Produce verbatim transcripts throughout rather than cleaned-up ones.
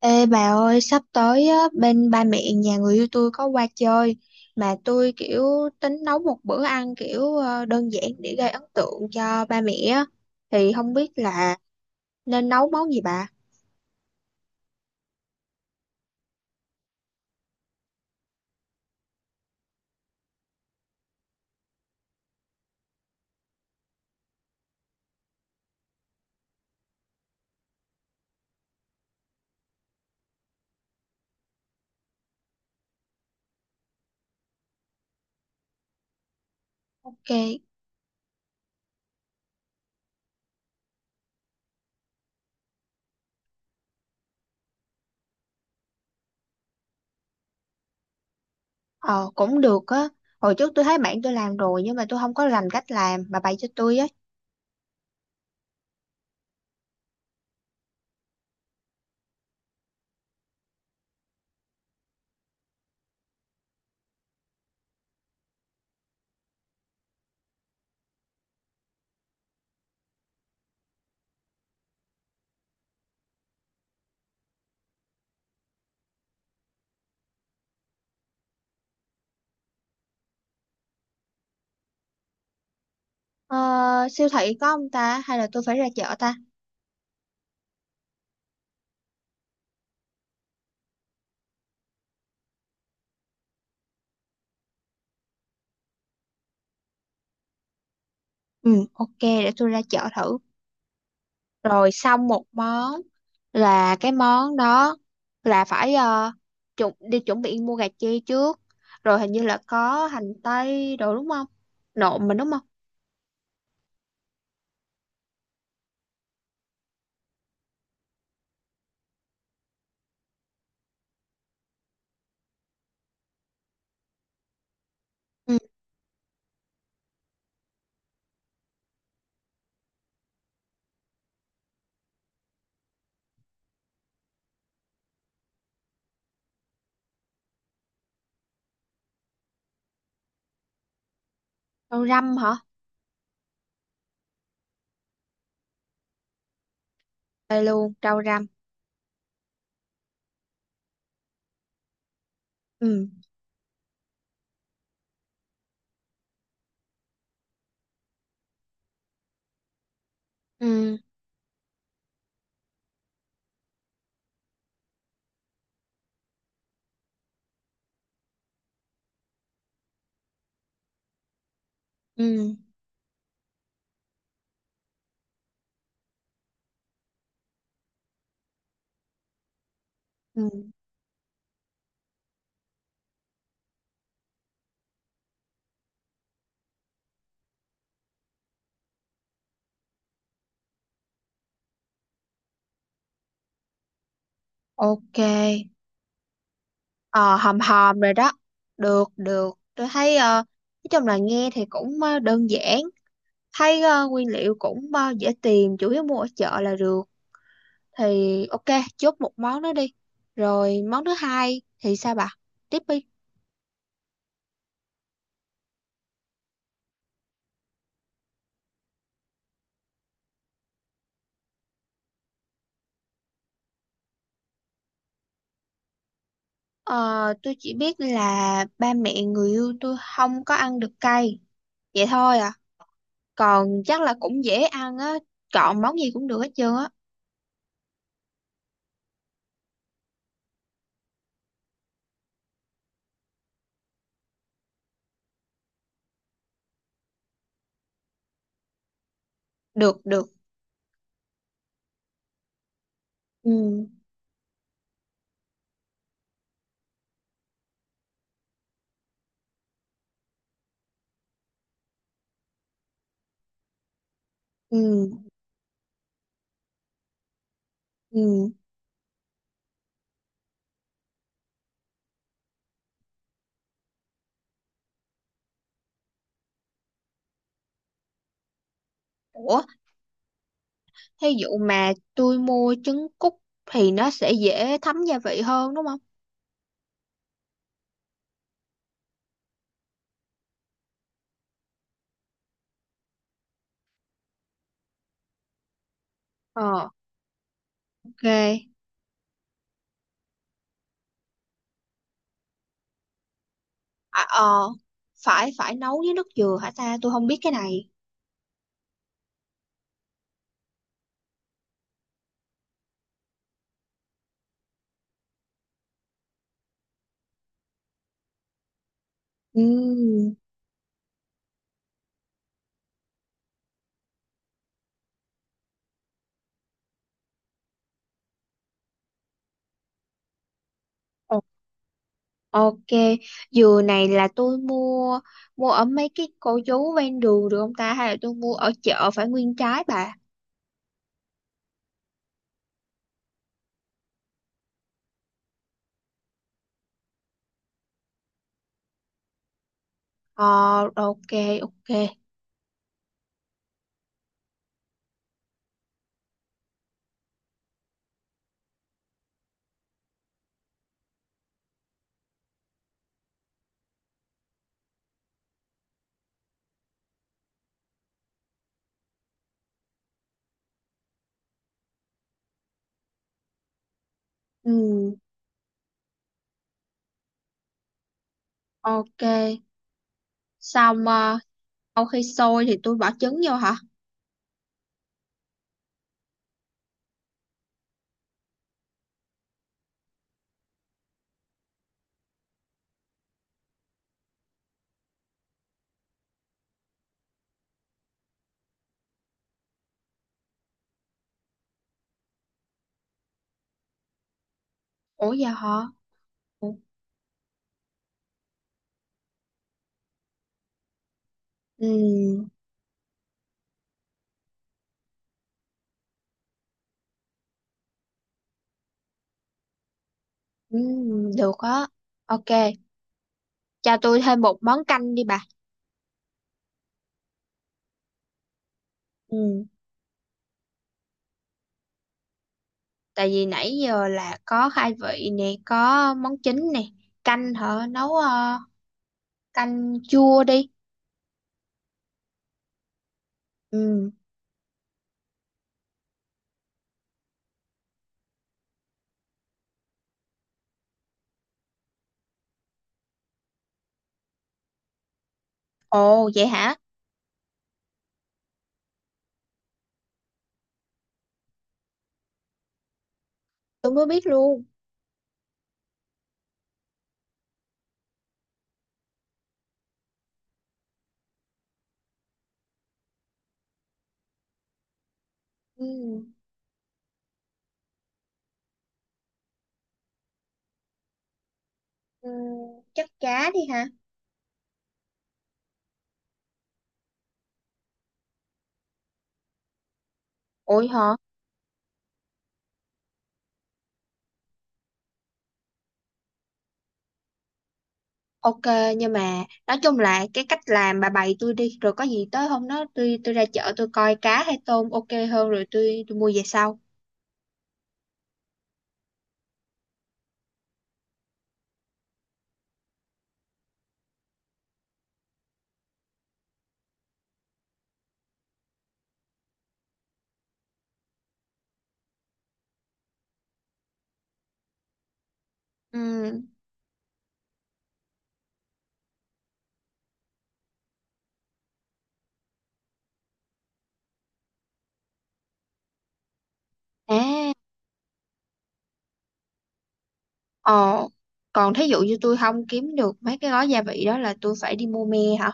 Ê bà ơi, sắp tới á, bên ba mẹ nhà người yêu tôi có qua chơi mà tôi kiểu tính nấu một bữa ăn kiểu ờ, đơn giản để gây ấn tượng cho ba mẹ á. Thì không biết là nên nấu món gì bà? Ok, ờ cũng được á. Hồi trước tôi thấy bạn tôi làm rồi nhưng mà tôi không có rành cách làm, bà bày cho tôi á. Ờ, siêu thị có không ta? Hay là tôi phải ra chợ ta? Ừ, ok, để tôi ra chợ thử. Rồi, xong một món, là cái món đó là phải ờ, chuẩn đi chuẩn bị mua gà chi trước, rồi hình như là có hành tây đồ đúng không, nộm mình đúng không. Ừ, rau răm hả? Đây luôn, rau răm. Ừ, ừ, ừ, ừ, ok. Ờ, hòm hòm rồi đó. Được, được, tôi thấy, ờ, nói chung là nghe thì cũng ờ, đơn giản, thấy ờ, nguyên liệu cũng ờ, dễ tìm, chủ yếu mua ở chợ là được. Thì ok, chốt một món đó đi. Rồi món thứ hai thì sao bà, tiếp đi. Ờ, tôi chỉ biết là ba mẹ người yêu tôi không có ăn được cay, vậy thôi à. Còn chắc là cũng dễ ăn á, chọn món gì cũng được hết trơn á. Được, được. Ừ, ừ, ừ. Ủa, thí dụ mà tôi mua trứng cút thì nó sẽ dễ thấm gia vị hơn đúng không? Ờ, ok. À, ờ, phải phải nấu với nước dừa hả ta, tôi không biết cái này. Ừ. Ok, dừa này là tôi mua mua ở mấy cái cô chú ven đường được không ta, hay là tôi mua ở chợ phải nguyên trái bà? Ờ, ok, ok. Ừ, ok. Xong ờ, sau khi sôi thì tôi bỏ trứng vô hả? Ủa giờ hả? Ừ, ừ, được á. Ok, cho tôi thêm một món canh đi bà. Ừ, tại vì nãy giờ là có khai vị nè, có món chính nè, canh hả? Nấu ờ, canh chua đi. Ừ. Ồ vậy hả? Tôi mới biết luôn. Ừ, ừ, chắc cá đi hả? Ủi hả? Ok, nhưng mà nói chung là cái cách làm bà bày tôi đi, rồi có gì tới hôm đó tôi tôi ra chợ tôi coi cá hay tôm ok hơn, rồi tôi tôi mua về sau. Ừ. À. Ồ. Còn thí dụ như tôi không kiếm được mấy cái gói gia vị đó là tôi phải đi mua me hả?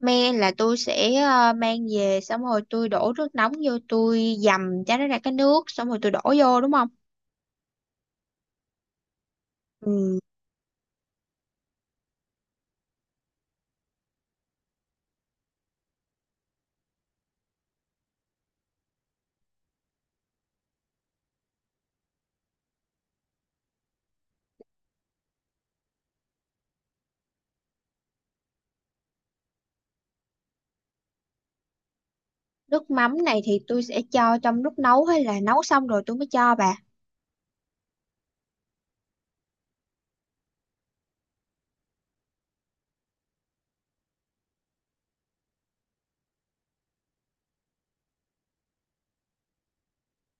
Me là tôi sẽ ờ, mang về, xong rồi tôi đổ nước nóng vô, tôi dầm cho nó ra cái nước, xong rồi tôi đổ vô đúng không? Ừ. Nước mắm này thì tôi sẽ cho trong lúc nấu hay là nấu xong rồi tôi mới cho bà?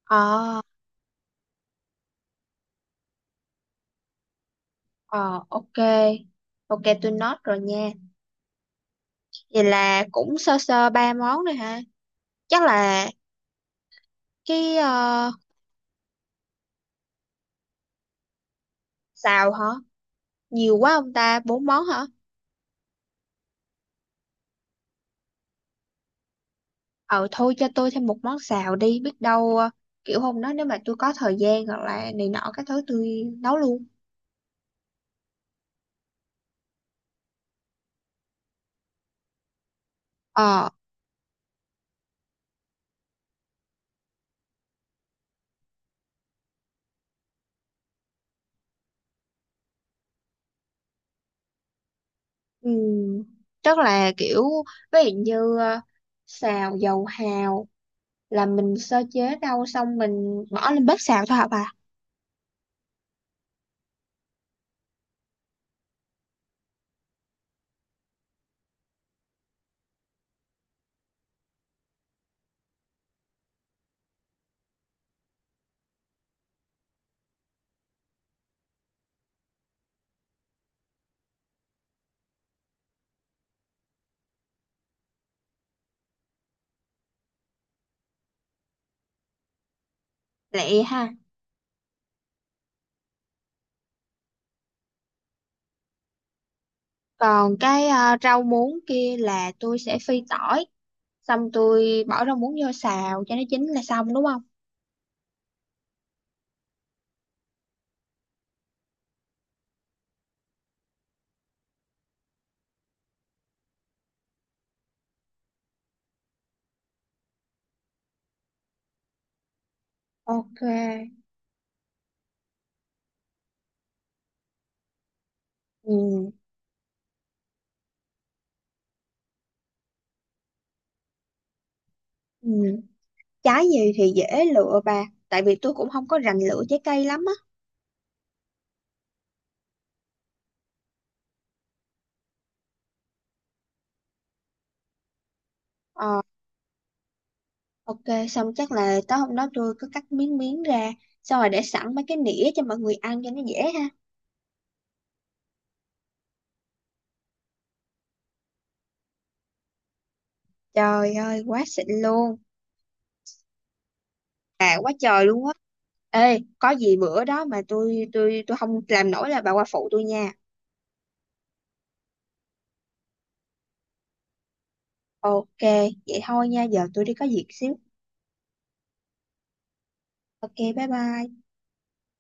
Ờ, ờ, ok. Ok, tôi note rồi nha. Vậy là cũng sơ sơ ba món rồi ha. Chắc là cái ờ, xào hả? Nhiều quá ông ta, bốn món hả? Ờ, thôi cho tôi thêm một món xào đi. Biết đâu ờ, kiểu hôm đó nếu mà tôi có thời gian hoặc là này nọ cái thứ tôi nấu luôn. Ờ, um, chắc là kiểu ví dụ như ờ, xào dầu hào là mình sơ chế rau xong mình bỏ lên bếp xào thôi hả bà? Lẹ ha. Còn cái ờ, rau muống kia là tôi sẽ phi tỏi, xong tôi bỏ rau muống vô xào cho nó chín là xong đúng không? Ok. Ừ, ừ. Trái gì thì dễ lựa bà, tại vì tôi cũng không có rành lựa trái cây lắm á. Ờ, ok, xong chắc là tối hôm đó tôi cứ cắt miếng miếng ra, xong rồi để sẵn mấy cái nĩa cho mọi người ăn cho nó dễ ha. Trời ơi quá xịn luôn, quá trời luôn á. Ê có gì bữa đó mà tôi tôi tôi không làm nổi là bà qua phụ tôi nha. Ok, vậy thôi nha, giờ tôi đi có việc xíu. Ok, bye bye.